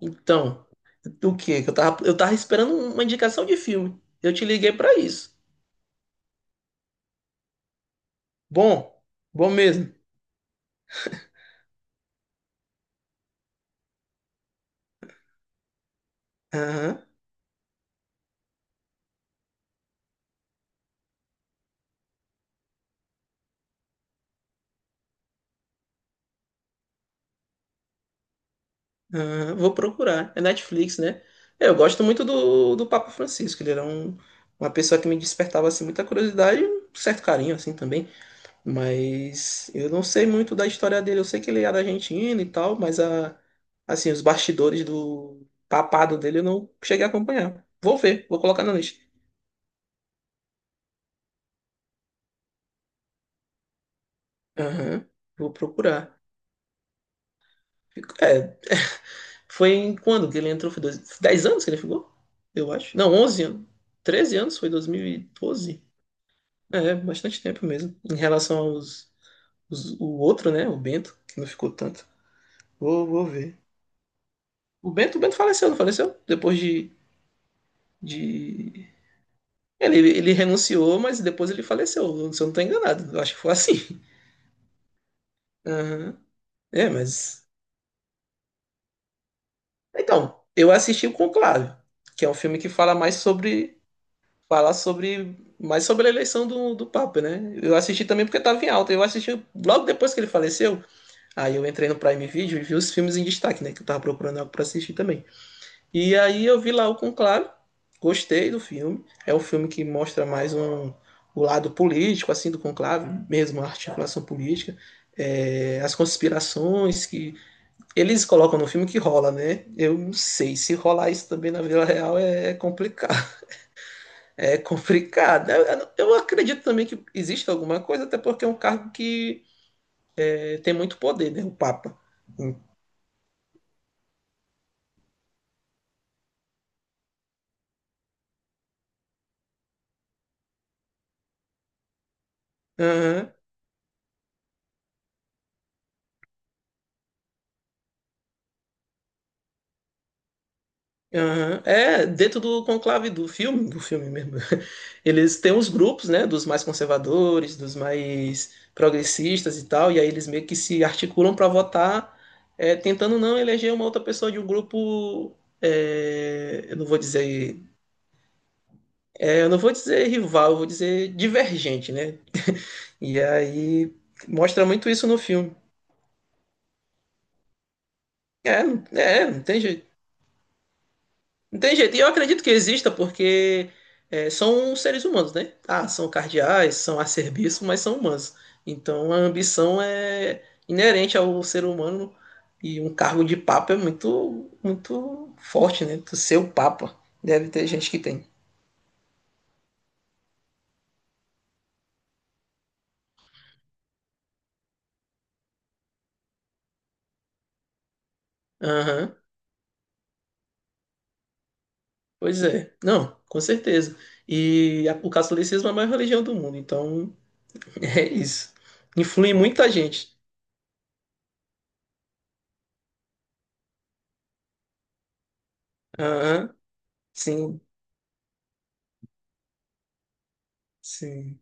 Então, do quê? Que? Eu tava esperando uma indicação de filme. Eu te liguei pra isso. Bom, bom mesmo. Aham, aham, vou procurar. É Netflix, né? É, eu gosto muito do Papa Francisco. Uma pessoa que me despertava assim muita curiosidade e um certo carinho assim também. Mas eu não sei muito da história dele. Eu sei que ele era argentino e tal, assim, os bastidores do papado dele eu não cheguei a acompanhar. Vou ver, vou colocar na lista. Aham, vou procurar. É, foi em quando que ele entrou? Foi dois, 10 anos que ele ficou? Eu acho. Não, 11 anos. Treze anos, foi 2012. É, bastante tempo mesmo. O outro, né? O Bento, que não ficou tanto. Vou ver. O Bento faleceu, não faleceu? De... Ele, renunciou, mas depois ele faleceu. Se eu não tô enganado. Eu acho que foi assim. Aham. É, mas... Então, eu assisti o Conclave, que é um filme que fala mais sobre falar sobre mais sobre a eleição do Papa, né? Eu assisti também porque estava em alta. Eu assisti logo depois que ele faleceu. Aí eu entrei no Prime Video e vi os filmes em destaque, né? Que eu tava procurando algo para assistir também. E aí eu vi lá o Conclave, gostei do filme. É um filme que mostra mais um, O lado político, assim, do Conclave, mesmo a articulação política. É, as conspirações que eles colocam no filme que rola, né? Eu não sei se rolar isso também na vida real é complicado. É complicado. Eu acredito também que existe alguma coisa, até porque é um cargo que tem muito poder, né? O Papa. Aham, aham. É, dentro do conclave do filme mesmo, eles têm os grupos, né, dos mais conservadores, dos mais progressistas e tal, e aí eles meio que se articulam para votar, tentando não eleger uma outra pessoa de um grupo, é, eu não vou dizer, é, eu não vou dizer rival, eu vou dizer divergente, né. E aí mostra muito isso no filme. É, não tem jeito. Não tem jeito. E eu acredito que exista porque são seres humanos, né? Ah, são cardeais, são acerbiços, mas são humanos. Então a ambição é inerente ao ser humano e um cargo de papa é muito, muito forte, né? Tu ser o papa. Deve ter gente que tem. Aham, pois é. Não, com certeza. O catolicismo é a maior religião do mundo, então é isso. Influi muita gente. Aham, sim, sim.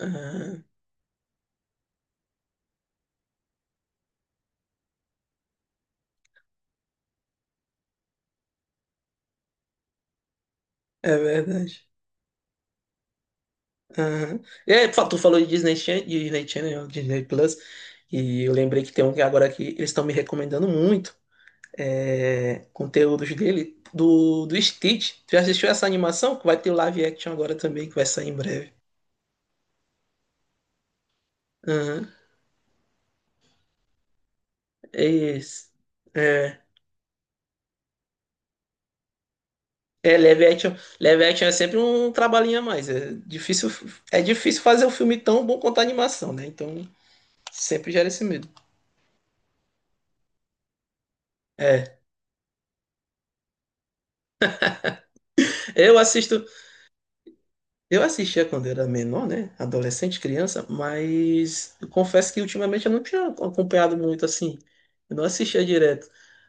Aham, é verdade. Aham. E aí, tu falou de Disney Channel, Disney Plus, e eu lembrei que tem um que agora que eles estão me recomendando muito, conteúdos dele, do Stitch. Tu já assistiu essa animação? Que vai ter o live action agora também, que vai sair em breve. Aham, é isso. É. É, live action, live action é sempre um trabalhinho a mais. É difícil fazer um filme tão bom quanto a animação, né? Então, sempre gera esse medo. é Eu assisto, eu assistia quando era menor, né? Adolescente, criança, mas eu confesso que ultimamente eu não tinha acompanhado muito assim. Eu não assistia direto.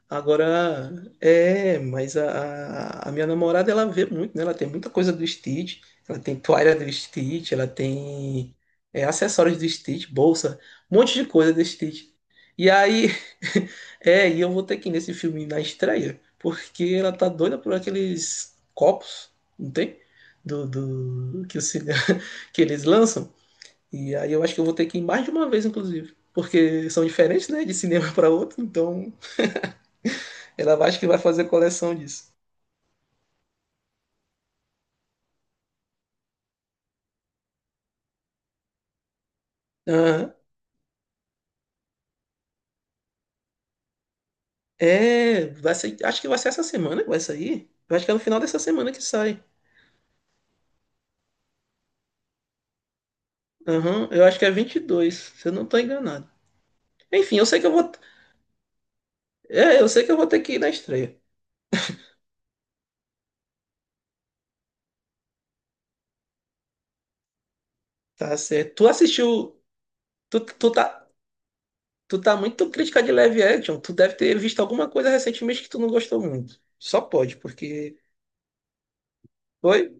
Agora, mas a minha namorada, ela vê muito, né? Ela tem muita coisa do Stitch, ela tem toalha do Stitch, ela tem acessórios do Stitch, bolsa, um monte de coisa do Stitch. E aí, é, e eu vou ter que ir nesse filme na estreia, porque ela tá doida por aqueles copos, não tem? Do, do que, o que eles lançam. E aí eu acho que eu vou ter que ir mais de uma vez, inclusive. Porque são diferentes, né? De cinema para outro. Então, acho que vai fazer coleção disso. Aham. É, vai ser, acho que vai ser essa semana que vai sair. Eu acho que é no final dessa semana que sai. Aham, eu acho que é 22, se eu não tô enganado. Enfim, eu sei que eu vou, eu sei que eu vou ter que ir na estreia. Tá certo. Tu assistiu, tu, tu, tá- Tu tá muito crítica de live action. Tu deve ter visto alguma coisa recentemente que tu não gostou muito. Só pode, porque. Oi?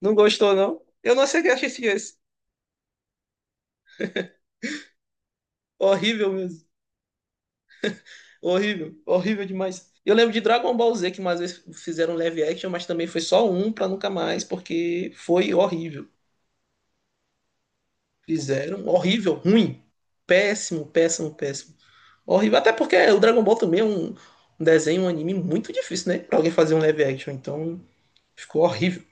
Não gostou, não? Eu não sei o que achei esse. Horrível mesmo. Horrível. Horrível demais. Eu lembro de Dragon Ball Z, que mais vezes fizeram live action, mas também foi só um pra nunca mais, porque foi horrível. Fizeram. Horrível, ruim. Péssimo, péssimo, péssimo. Horrível. Até porque o Dragon Ball também um desenho, um anime muito difícil, né? Pra alguém fazer um live action. Então, ficou horrível.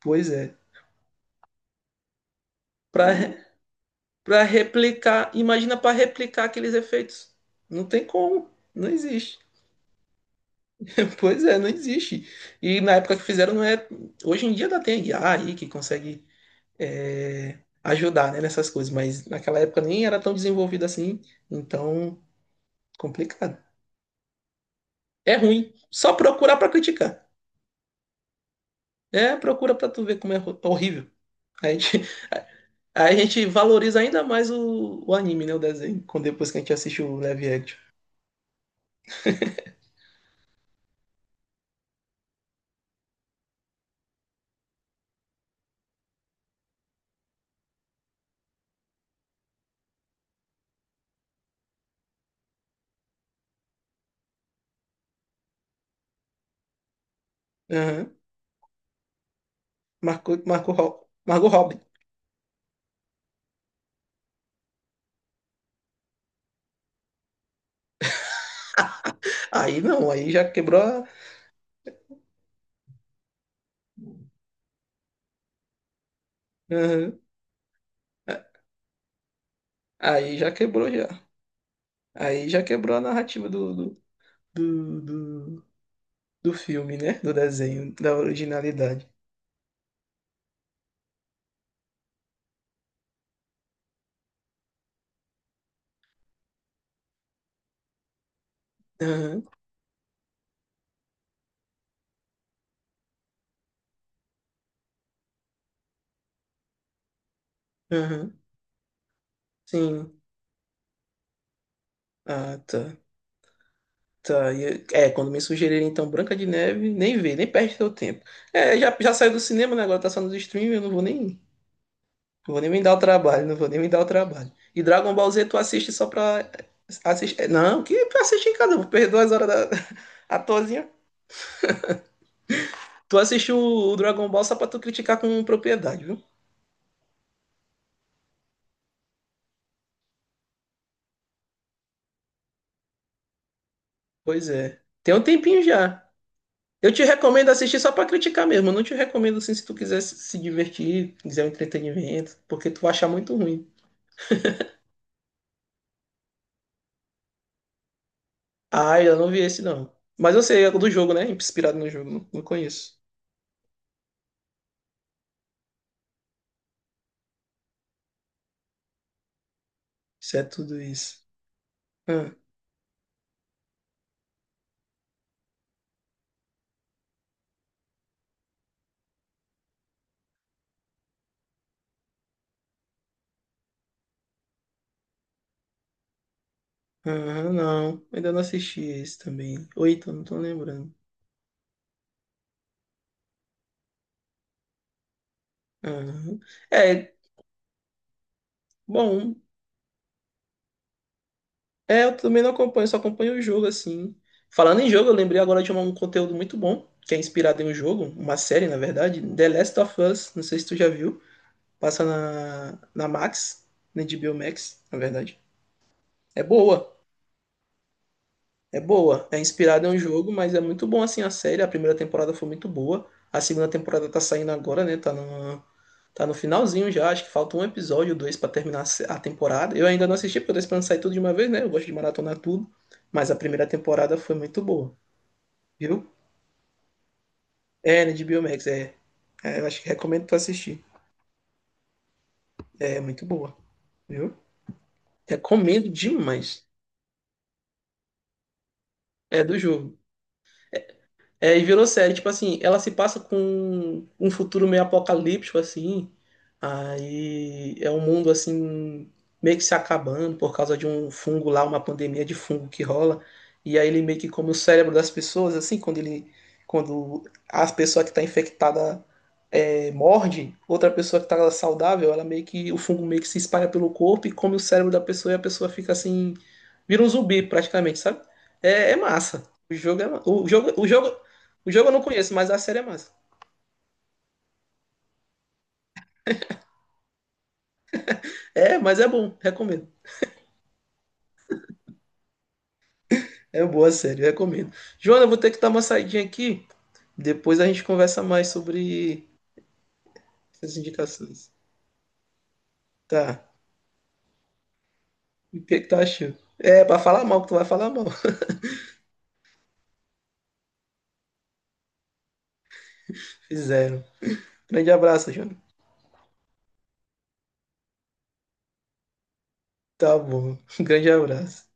Pois é. para Para replicar, imagina para replicar aqueles efeitos. Não tem como, não existe. Pois é, não existe. E na época que fizeram não é, hoje em dia ainda tem IA aí que consegue ajudar, né, nessas coisas, mas naquela época nem era tão desenvolvido assim, então complicado. É ruim. Só procurar para criticar. É, procura para tu ver como é horrível. A gente, a gente valoriza ainda mais o anime, né? O desenho, quando depois que a gente assiste o live action. Aham. Margot Robbie. Aí não, aí já quebrou a. Aham. Aí já quebrou já. Aí já quebrou a narrativa do, do, do filme, né? Do desenho, da originalidade. Aham, aham, sim. Ah, tá. Tá. É, é, quando me sugerirem então Branca de Neve, nem vê, nem perde seu tempo. É, já, já saiu do cinema, né? Agora tá só nos streaming, eu não vou nem. Não vou nem me dar o trabalho, não vou nem me dar o trabalho. E Dragon Ball Z tu assiste só pra. Assistir... é, não, que pra assistir em casa, eu vou perder duas horas da à toazinha. Tu assiste o Dragon Ball só pra tu criticar com propriedade, viu? Pois é. Tem um tempinho já. Eu te recomendo assistir só pra criticar mesmo. Eu não te recomendo assim se tu quiser se divertir, quiser um entretenimento, porque tu vai achar muito ruim. Ah, eu não vi esse não. Mas eu sei, é do jogo, né? Inspirado no jogo, não conheço. Isso é tudo isso. Ah. Aham, não, ainda não assisti esse também. Ou então, não tô lembrando. Aham. É, bom. É, eu também não acompanho, só acompanho o jogo, assim. Falando em jogo, eu lembrei agora de um conteúdo muito bom, que é inspirado em um jogo, uma série, na verdade, The Last of Us, não sei se tu já viu. Passa na Max, na HBO Max, na verdade. É boa, é boa. É inspirado em um jogo, mas é muito bom, assim, a série. A primeira temporada foi muito boa. A segunda temporada tá saindo agora, né? Tá no finalzinho já, acho que falta um episódio, ou dois pra terminar a temporada. Eu ainda não assisti, porque eu tô esperando sair tudo de uma vez, né? Eu gosto de maratonar tudo. Mas a primeira temporada foi muito boa, viu? É, né, de Biomax, é. É, eu acho que recomendo tu assistir. É muito boa, viu? Recomendo demais. É do jogo. É, e virou série, tipo assim, ela se passa com um futuro meio apocalíptico, assim. Aí é um mundo assim, meio que se acabando por causa de um fungo lá, uma pandemia de fungo que rola. E aí ele meio que come o cérebro das pessoas, assim, quando ele. Quando a pessoa que está infectada morde outra pessoa que tá saudável, ela meio que o fungo meio que se espalha pelo corpo e come o cérebro da pessoa e a pessoa fica assim, vira um zumbi praticamente, sabe? É, é massa. O jogo é ma- o jogo, o jogo, o jogo eu não conheço, mas a série é massa. É, mas é bom, recomendo. É boa a série, recomendo. Joana, eu vou ter que dar uma saidinha aqui, depois a gente conversa mais sobre essas indicações. Tá. E o que que tu achou? É, pra falar mal, que tu vai falar mal. Fizeram. Grande abraço, Joana. Tá bom. Grande abraço.